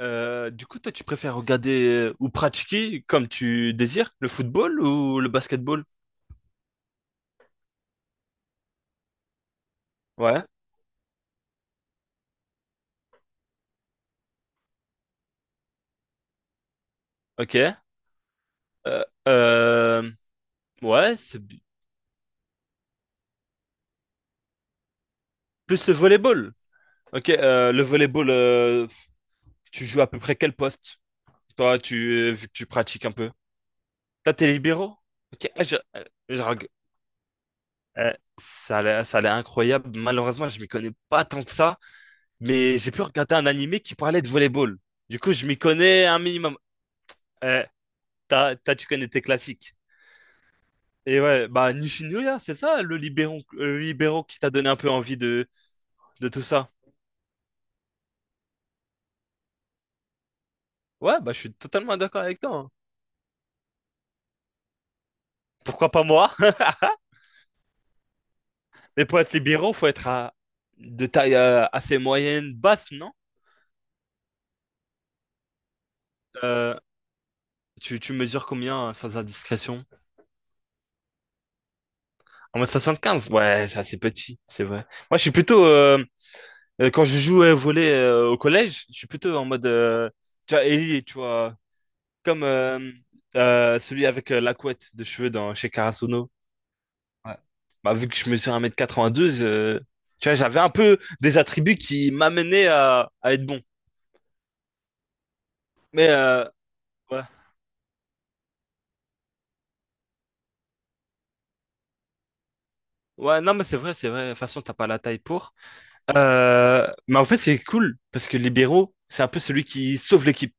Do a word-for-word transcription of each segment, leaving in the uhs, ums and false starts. Euh, du coup, toi, tu préfères regarder euh, ou pratiquer comme tu désires le football ou le basketball? Ouais, ok. Euh, euh, ouais, c'est bi- plus le volleyball. Ok, euh, le volleyball, euh, tu joues à peu près quel poste? Toi, tu, euh, vu que tu pratiques un peu. T'as tes libéraux? Ok, ah, je- euh, je reg- euh, ça a l'air ça a l'air incroyable. Malheureusement, je m'y connais pas tant que ça, mais j'ai pu regarder un animé qui parlait de volleyball. Du coup, je m'y connais un minimum. Euh, t'as, t'as- Tu connais tes classiques. Et ouais, bah Nishinuya, c'est ça le libéraux, le libéraux qui t'a donné un peu envie de, de tout ça. Ouais, bah je suis totalement d'accord avec toi, hein. Pourquoi pas moi? Mais pour être libéraux, faut être à, de taille euh, assez moyenne, basse, non? Euh, tu, tu mesures combien, euh, sans indiscrétion? un mètre soixante-quinze. Ouais, c'est assez petit, c'est vrai. Moi, je suis plutôt, euh, euh, quand je joue au volley, euh, au collège, je suis plutôt en mode, euh, tu vois, Ellie, tu vois, comme euh, euh, celui avec euh, la couette de cheveux dans, chez Karasuno. Ouais. Bah, vu que je mesure un mètre quatre-vingt-douze, euh, tu vois, j'avais un peu des attributs qui m'amenaient à, à être bon. Mais euh, ouais. Ouais, non, mais c'est vrai, c'est vrai. De toute façon, t'as pas la taille pour. Euh, mais en fait, c'est cool parce que libéraux, c'est un peu celui qui sauve l'équipe.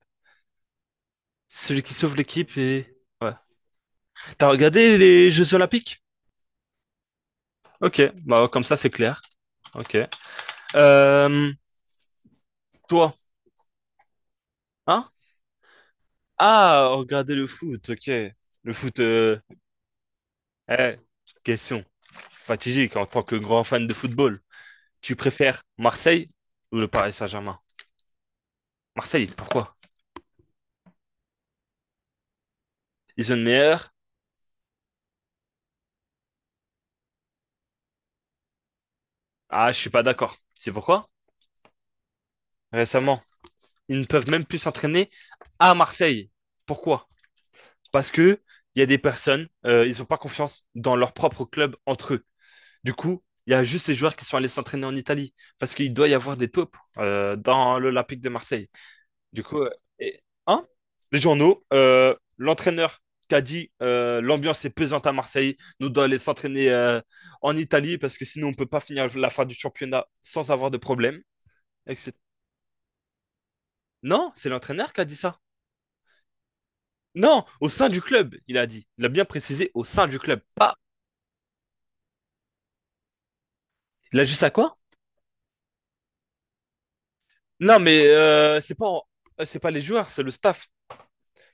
Celui qui sauve l'équipe et. Ouais. T'as regardé les Jeux Olympiques? Ok, bah, comme ça, c'est clair. Ok. Euh, Toi, hein? Ah, regardez le foot, ok. Le foot. euh, Eh, question fatidique en tant que grand fan de football. Tu préfères Marseille ou le Paris Saint-Germain? Marseille, pourquoi? Ils ont le meilleur? Ah, je suis pas d'accord. C'est pourquoi? Récemment, ils ne peuvent même plus s'entraîner à Marseille. Pourquoi? Parce que il y a des personnes, euh, ils n'ont pas confiance dans leur propre club entre eux. Du coup, il y a juste ces joueurs qui sont allés s'entraîner en Italie parce qu'il doit y avoir des taupes euh, dans l'Olympique de Marseille. Du coup, euh, et- hein? Les journaux, euh, l'entraîneur qui a dit, euh, l'ambiance est pesante à Marseille, nous devons aller s'entraîner euh, en Italie parce que sinon on ne peut pas finir la fin du championnat sans avoir de problème, et cetera. Non, c'est l'entraîneur qui a dit ça. Non, au sein du club, il a dit. Il a bien précisé au sein du club. Pas. Il a juste à quoi? Non, mais euh, c'est pas en- euh, c'est pas les joueurs, c'est le staff.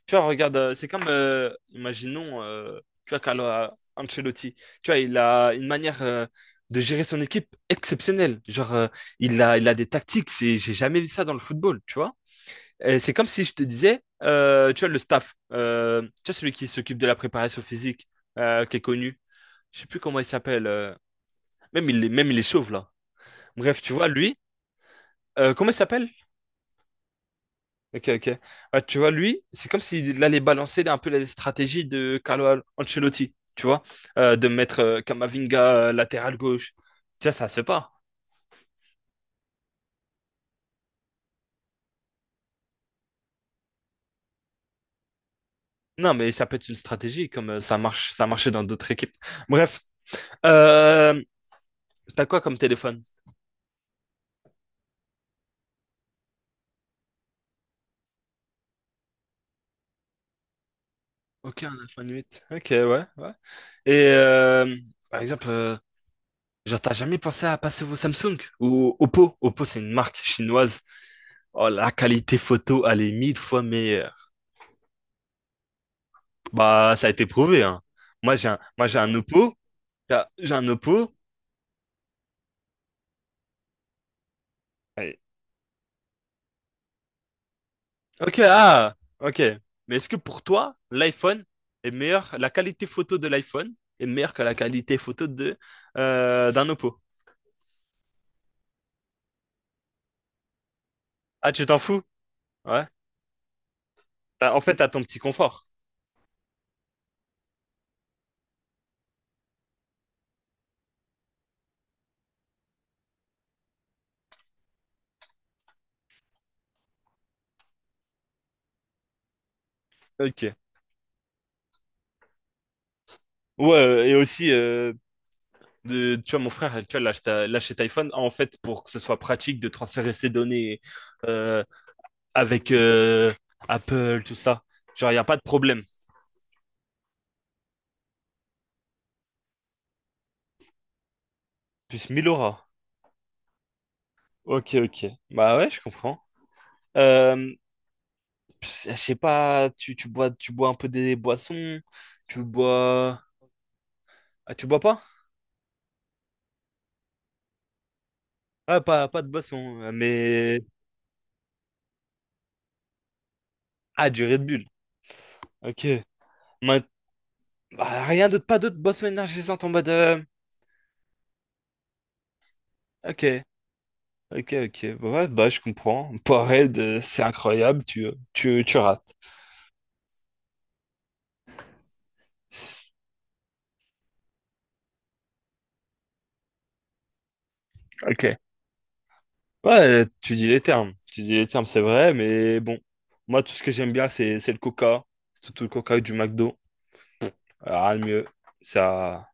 Tu vois, regarde, euh, c'est comme, euh, imaginons, euh, tu vois, Carlo euh, Ancelotti, tu vois, il a une manière euh, de gérer son équipe exceptionnelle. Genre, euh, il a, il a des tactiques, c'est, j'ai jamais vu ça dans le football, tu vois. Et c'est comme si je te disais, euh, tu vois, le staff, euh, tu vois, celui qui s'occupe de la préparation physique, euh, qui est connu, je sais plus comment il s'appelle, euh, même il est, même il est chauve, là. Bref, tu vois, lui, euh, comment il s'appelle? Ok, ok. Ouais, tu vois, lui, c'est comme s'il allait balancer un peu la stratégie de Carlo Al- Ancelotti, tu vois, euh, de mettre euh, Camavinga euh, latéral gauche. Tu vois, ça se fait pas. Non, mais ça peut être une stratégie, comme euh, ça marche, ça marchait dans d'autres équipes. Bref, euh, t'as quoi comme téléphone? Ok, un iPhone huit. Ok, ouais, ouais. Et euh, par exemple, euh, genre, t'as jamais pensé à passer vos Samsung ou Oppo? Oppo, c'est une marque chinoise. Oh, la qualité photo, elle est mille fois meilleure. Bah, ça a été prouvé, hein. Moi, j'ai un, moi, j'ai un oppo. J'ai un j'ai un oppo. Allez. Ok, ah, ok. Mais est-ce que pour toi, l'iPhone est meilleur, la qualité photo de l'iPhone est meilleure que la qualité photo de, euh, d'un oppo? Ah, tu t'en fous? Ouais. T'as- en fait, t'as ton petit confort. Ok. Ouais, euh, et aussi, euh, de, tu vois, mon frère, tu vois, il a acheté il acheté iPhone, en fait, pour que ce soit pratique de transférer ses données euh, avec euh, Apple, tout ça. Genre, il n'y a pas de problème. Plus Milora. Ok, ok. Bah ouais, je comprends. Euh, Pff, je sais pas, tu, tu bois, tu bois un peu des boissons, tu bois... Ah, tu bois pas? Ah, pas, pas de boisson, mais... Ah, du Red Bull. Ok. Ma- Bah, rien d'autre, pas d'autres boissons énergisantes en mode... euh, Ok, ok, ok. Bah ouais, bah je comprends. Powerade, euh, c'est incroyable, tu, tu, tu rates. Ok. Ouais, tu dis les termes. Tu dis les termes, c'est vrai, mais bon. Moi, tout ce que j'aime bien, c'est c'est le coca. Surtout le coca du McDo. Rien de mieux. Ça,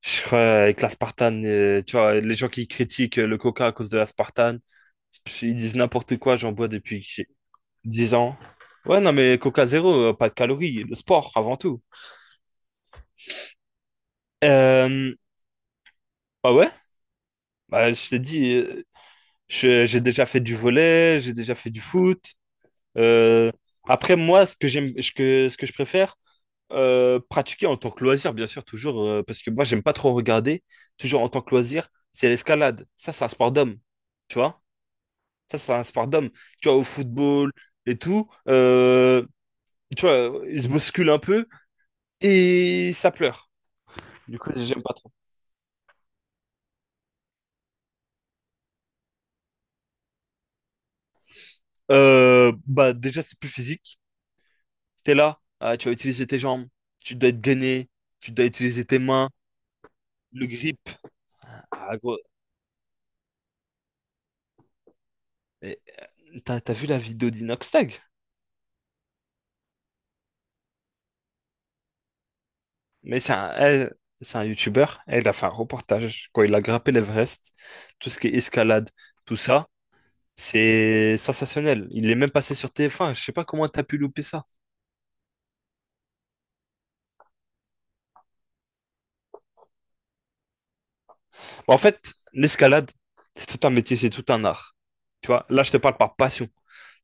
je crois, avec la Spartan, euh, tu vois, les gens qui critiquent euh, le coca à cause de la Spartan, ils disent n'importe quoi, j'en bois depuis que j'ai dix ans. Ouais, non, mais coca zéro, euh, pas de calories, le sport avant tout. Euh, Bah ouais, bah, je t'ai dit, euh, je- j'ai déjà fait du volley, j'ai déjà fait du foot. Euh, Après, moi, ce que j'aime, ce que, ce que je préfère, Euh, pratiquer en tant que loisir, bien sûr, toujours, euh, parce que moi, j'aime pas trop regarder, toujours en tant que loisir, c'est l'escalade. Ça, c'est un sport d'homme, tu vois? Ça, c'est un sport d'homme. Tu vois, au football et tout, euh, tu vois, ils se bousculent un peu et ça pleure. Du coup, j'aime pas trop. Euh, bah, déjà, c'est plus physique. T'es là, ah, tu vas utiliser tes jambes, tu dois être gainé, tu dois utiliser tes mains, le grip. Ah, gros. Et T'as, t'as vu la vidéo d'Inox? Mais c'est un, elle, c'est un youtubeur. Elle a fait un reportage quand il a grimpé l'Everest. Tout ce qui est escalade, tout ça, c'est sensationnel. Il est même passé sur T F un. Je sais pas comment t'as pu louper ça. En fait, l'escalade, c'est tout un métier, c'est tout un art. Tu vois, là, je te parle par passion.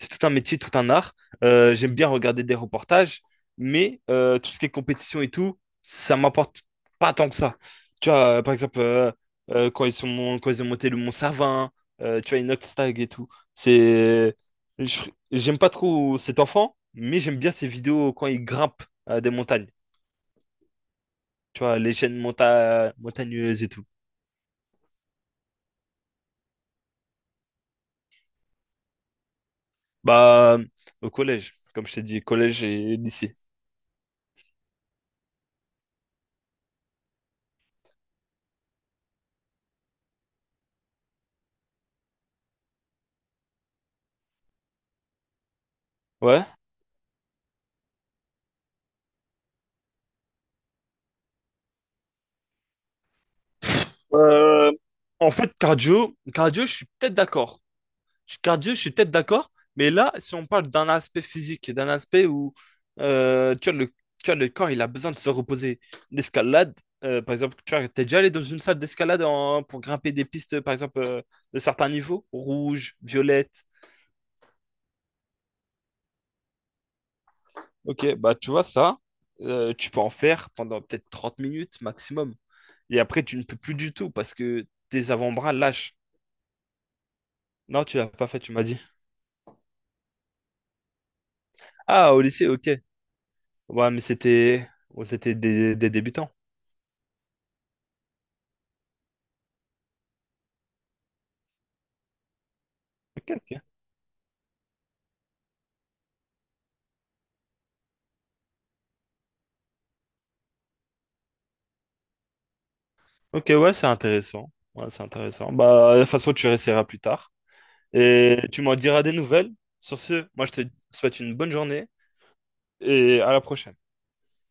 C'est tout un métier, tout un art. Euh, j'aime bien regarder des reportages, mais euh, tout ce qui est compétition et tout, ça m'apporte pas tant que ça. Tu vois, euh, par exemple, euh, euh, quand ils sont, quand ils ont monté le Mont Savin, euh, tu vois, Inoxtag et tout. C'est, je- J'aime pas trop cet enfant, mais j'aime bien ses vidéos quand il grimpe euh, des montagnes. Tu vois, les chaînes monta- montagneuses et tout. Bah, au collège, comme je t'ai dit, collège et lycée. Ouais. Euh, En fait, cardio, cardio, je suis peut-être d'accord. Je- Cardio, je suis peut-être d'accord. Mais là, si on parle d'un aspect physique, d'un aspect où euh, tu vois, le, tu vois, le corps, il a besoin de se reposer. L'escalade, euh, par exemple, tu vois, t'es déjà allé dans une salle d'escalade en- pour grimper des pistes, par exemple, euh, de certains niveaux, rouge, violette. Ok, bah tu vois ça, euh, tu peux en faire pendant peut-être trente minutes maximum. Et après, tu ne peux plus du tout parce que tes avant-bras lâchent. Non, tu l'as pas fait, tu m'as dit. Ah, au lycée, ok. Ouais, mais c'était ouais, c'était des, des débutants. Ok, ok. Ok, ouais, c'est intéressant. Ouais, c'est intéressant. Bah, de toute façon, tu réessayeras plus tard. Et tu m'en diras des nouvelles. Sur ce, moi, je te souhaite une bonne journée et à la prochaine.